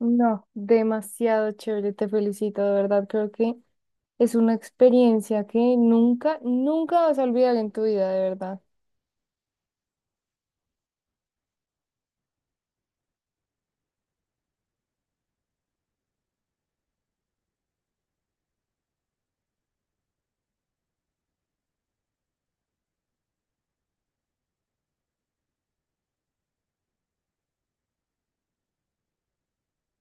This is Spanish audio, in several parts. No, demasiado chévere, te felicito, de verdad, creo que es una experiencia que nunca, nunca vas a olvidar en tu vida, de verdad.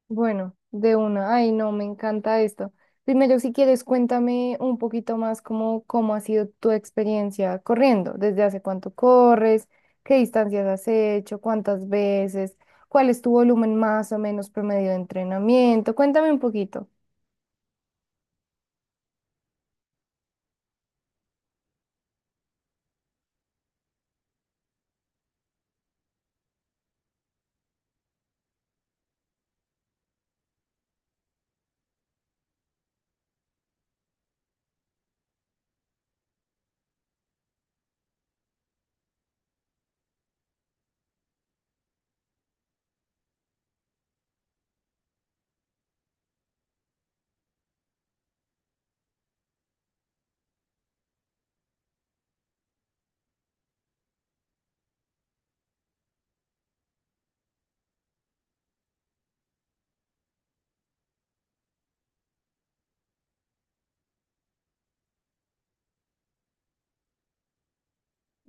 Bueno, de una, ay, no, me encanta esto. Primero, si quieres, cuéntame un poquito más cómo ha sido tu experiencia corriendo, desde hace cuánto corres, qué distancias has hecho, cuántas veces, cuál es tu volumen más o menos promedio de entrenamiento, cuéntame un poquito.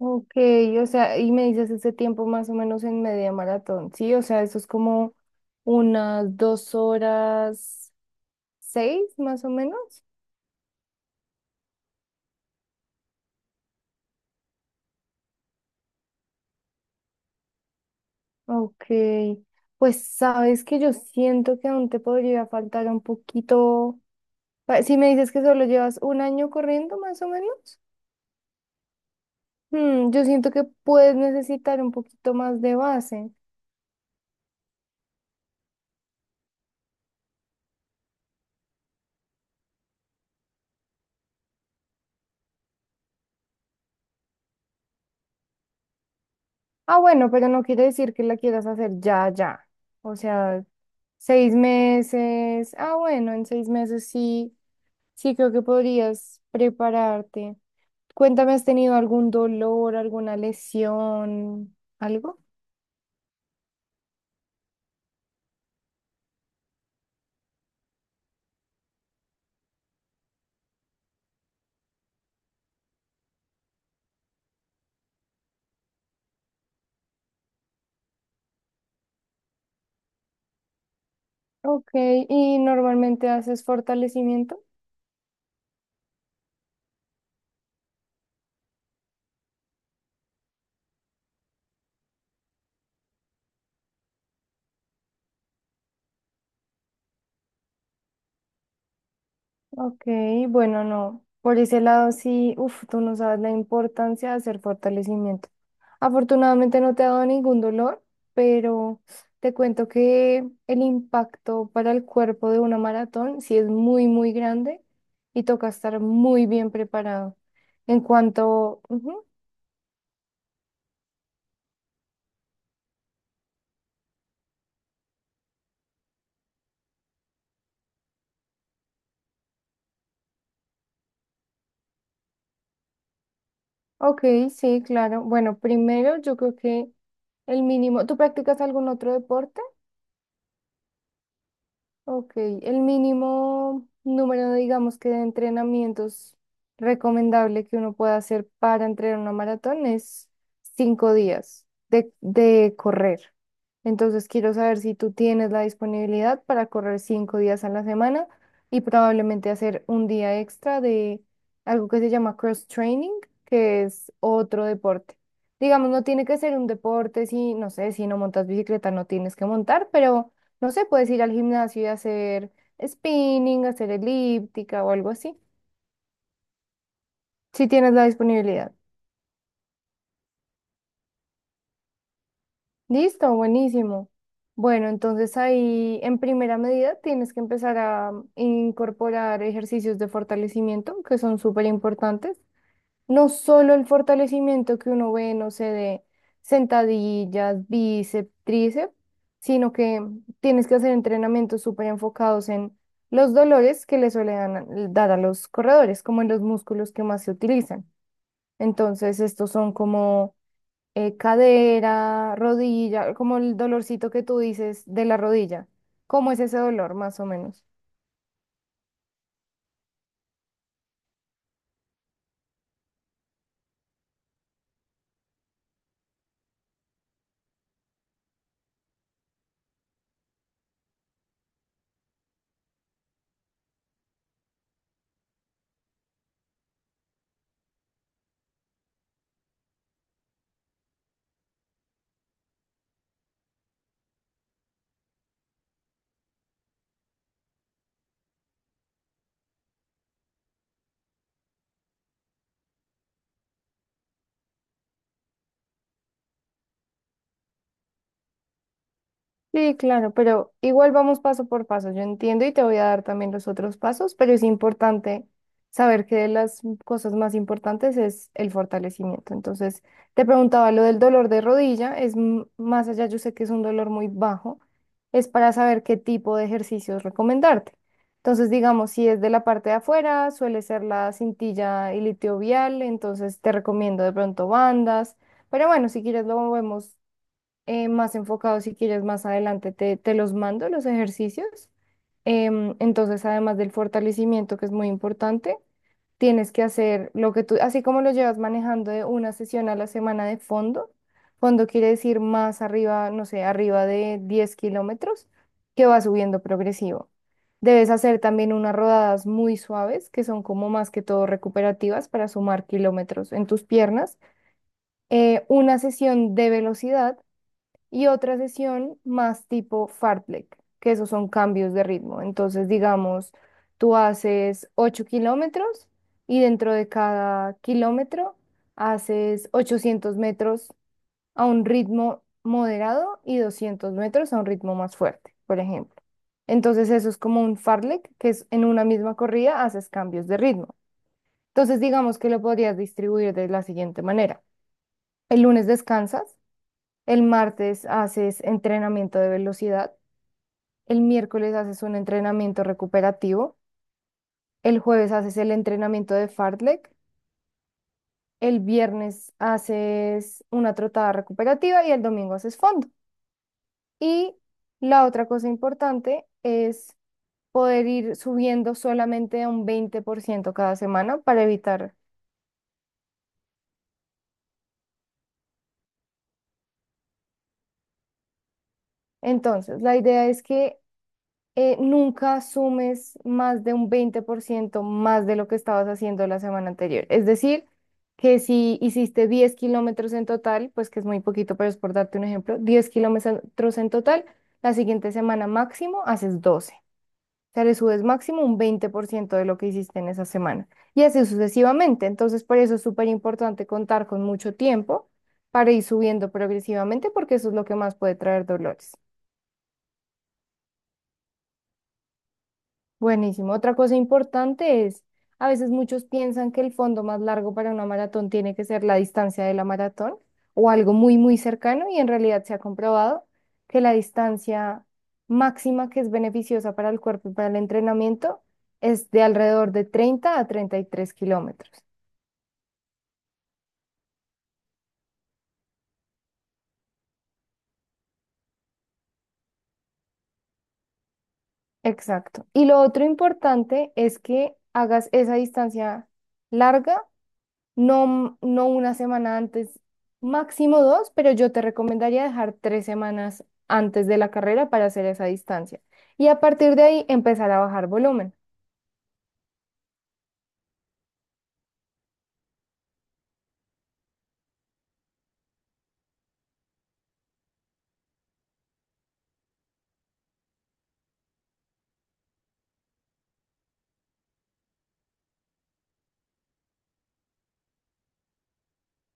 Ok, o sea, y me dices ese tiempo más o menos en media maratón, ¿sí? O sea, eso es como unas 2 horas 6 más o menos. Ok, pues sabes que yo siento que aún te podría faltar un poquito. Si me dices que solo llevas un año corriendo más o menos, yo siento que puedes necesitar un poquito más de base. Ah, bueno, pero no quiere decir que la quieras hacer ya, ya. O sea, 6 meses. Ah, bueno, en 6 meses sí, sí creo que podrías prepararte. Cuéntame, ¿has tenido algún dolor, alguna lesión, algo? Ok, ¿y normalmente haces fortalecimiento? Ok, bueno, no. Por ese lado sí, uff, tú no sabes la importancia de hacer fortalecimiento. Afortunadamente no te ha dado ningún dolor, pero te cuento que el impacto para el cuerpo de una maratón sí es muy, muy grande y toca estar muy bien preparado. Ujú. Ok, sí, claro. Bueno, primero yo creo que el mínimo... ¿Tú practicas algún otro deporte? Ok, el mínimo número, digamos que de entrenamientos recomendable que uno pueda hacer para entrenar una maratón es 5 días de correr. Entonces quiero saber si tú tienes la disponibilidad para correr 5 días a la semana y probablemente hacer un día extra de algo que se llama cross training, que es otro deporte. Digamos, no tiene que ser un deporte si, no sé, si no montas bicicleta, no tienes que montar, pero no sé, puedes ir al gimnasio y hacer spinning, hacer elíptica o algo así, si tienes la disponibilidad. Listo, buenísimo. Bueno, entonces ahí en primera medida tienes que empezar a incorporar ejercicios de fortalecimiento que son súper importantes. No solo el fortalecimiento que uno ve, no sé, de sentadillas, bíceps, tríceps, sino que tienes que hacer entrenamientos súper enfocados en los dolores que le suelen dar a los corredores, como en los músculos que más se utilizan. Entonces, estos son como cadera, rodilla, como el dolorcito que tú dices de la rodilla. ¿Cómo es ese dolor, más o menos? Sí, claro, pero igual vamos paso por paso. Yo entiendo y te voy a dar también los otros pasos, pero es importante saber que de las cosas más importantes es el fortalecimiento. Entonces, te preguntaba lo del dolor de rodilla, es más allá, yo sé que es un dolor muy bajo, es para saber qué tipo de ejercicios recomendarte. Entonces, digamos, si es de la parte de afuera, suele ser la cintilla iliotibial, entonces te recomiendo de pronto bandas, pero bueno, si quieres lo vemos más enfocados, si quieres más adelante te los mando, los ejercicios. Entonces, además del fortalecimiento, que es muy importante, tienes que hacer lo que tú, así como lo llevas manejando de una sesión a la semana de fondo, fondo quiere decir más arriba, no sé, arriba de 10 kilómetros, que va subiendo progresivo. Debes hacer también unas rodadas muy suaves, que son como más que todo recuperativas para sumar kilómetros en tus piernas. Una sesión de velocidad y otra sesión más tipo fartlek, que esos son cambios de ritmo. Entonces, digamos, tú haces 8 kilómetros y dentro de cada kilómetro haces 800 metros a un ritmo moderado y 200 metros a un ritmo más fuerte, por ejemplo. Entonces, eso es como un fartlek, que es en una misma corrida haces cambios de ritmo. Entonces, digamos que lo podrías distribuir de la siguiente manera. El lunes descansas. El martes haces entrenamiento de velocidad, el miércoles haces un entrenamiento recuperativo, el jueves haces el entrenamiento de fartlek, el viernes haces una trotada recuperativa y el domingo haces fondo. Y la otra cosa importante es poder ir subiendo solamente un 20% cada semana para evitar. Entonces, la idea es que nunca sumes más de un 20% más de lo que estabas haciendo la semana anterior. Es decir, que si hiciste 10 kilómetros en total, pues que es muy poquito, pero es por darte un ejemplo, 10 kilómetros en total, la siguiente semana máximo haces 12. O sea, le subes máximo un 20% de lo que hiciste en esa semana. Y así sucesivamente. Entonces, por eso es súper importante contar con mucho tiempo para ir subiendo progresivamente, porque eso es lo que más puede traer dolores. Buenísimo. Otra cosa importante es, a veces muchos piensan que el fondo más largo para una maratón tiene que ser la distancia de la maratón o algo muy, muy cercano y en realidad se ha comprobado que la distancia máxima que es beneficiosa para el cuerpo y para el entrenamiento es de alrededor de 30 a 33 kilómetros. Exacto. Y lo otro importante es que hagas esa distancia larga. No, no una semana antes, máximo dos, pero yo te recomendaría dejar 3 semanas antes de la carrera para hacer esa distancia. Y a partir de ahí empezar a bajar volumen.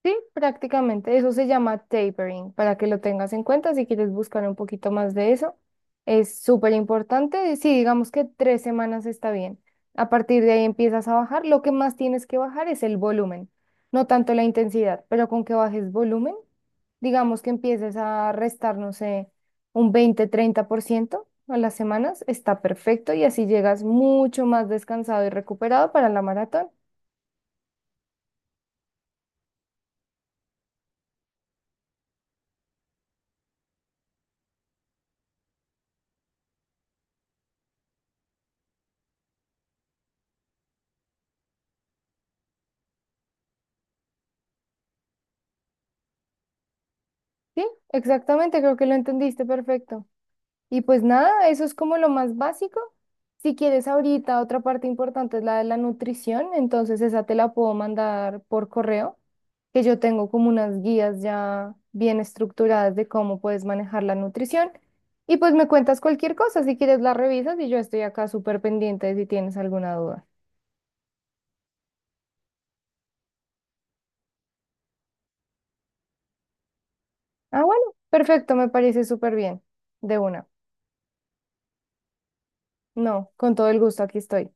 Sí, prácticamente. Eso se llama tapering, para que lo tengas en cuenta si quieres buscar un poquito más de eso. Es súper importante. Sí, digamos que 3 semanas está bien. A partir de ahí empiezas a bajar. Lo que más tienes que bajar es el volumen, no tanto la intensidad, pero con que bajes volumen, digamos que empieces a restar, no sé, un 20, 30% a las semanas, está perfecto y así llegas mucho más descansado y recuperado para la maratón. Sí, exactamente, creo que lo entendiste perfecto. Y pues nada, eso es como lo más básico. Si quieres ahorita, otra parte importante es la de la nutrición, entonces esa te la puedo mandar por correo, que yo tengo como unas guías ya bien estructuradas de cómo puedes manejar la nutrición. Y pues me cuentas cualquier cosa, si quieres la revisas y yo estoy acá súper pendiente de si tienes alguna duda. Ah, bueno, perfecto, me parece súper bien. De una. No, con todo el gusto, aquí estoy.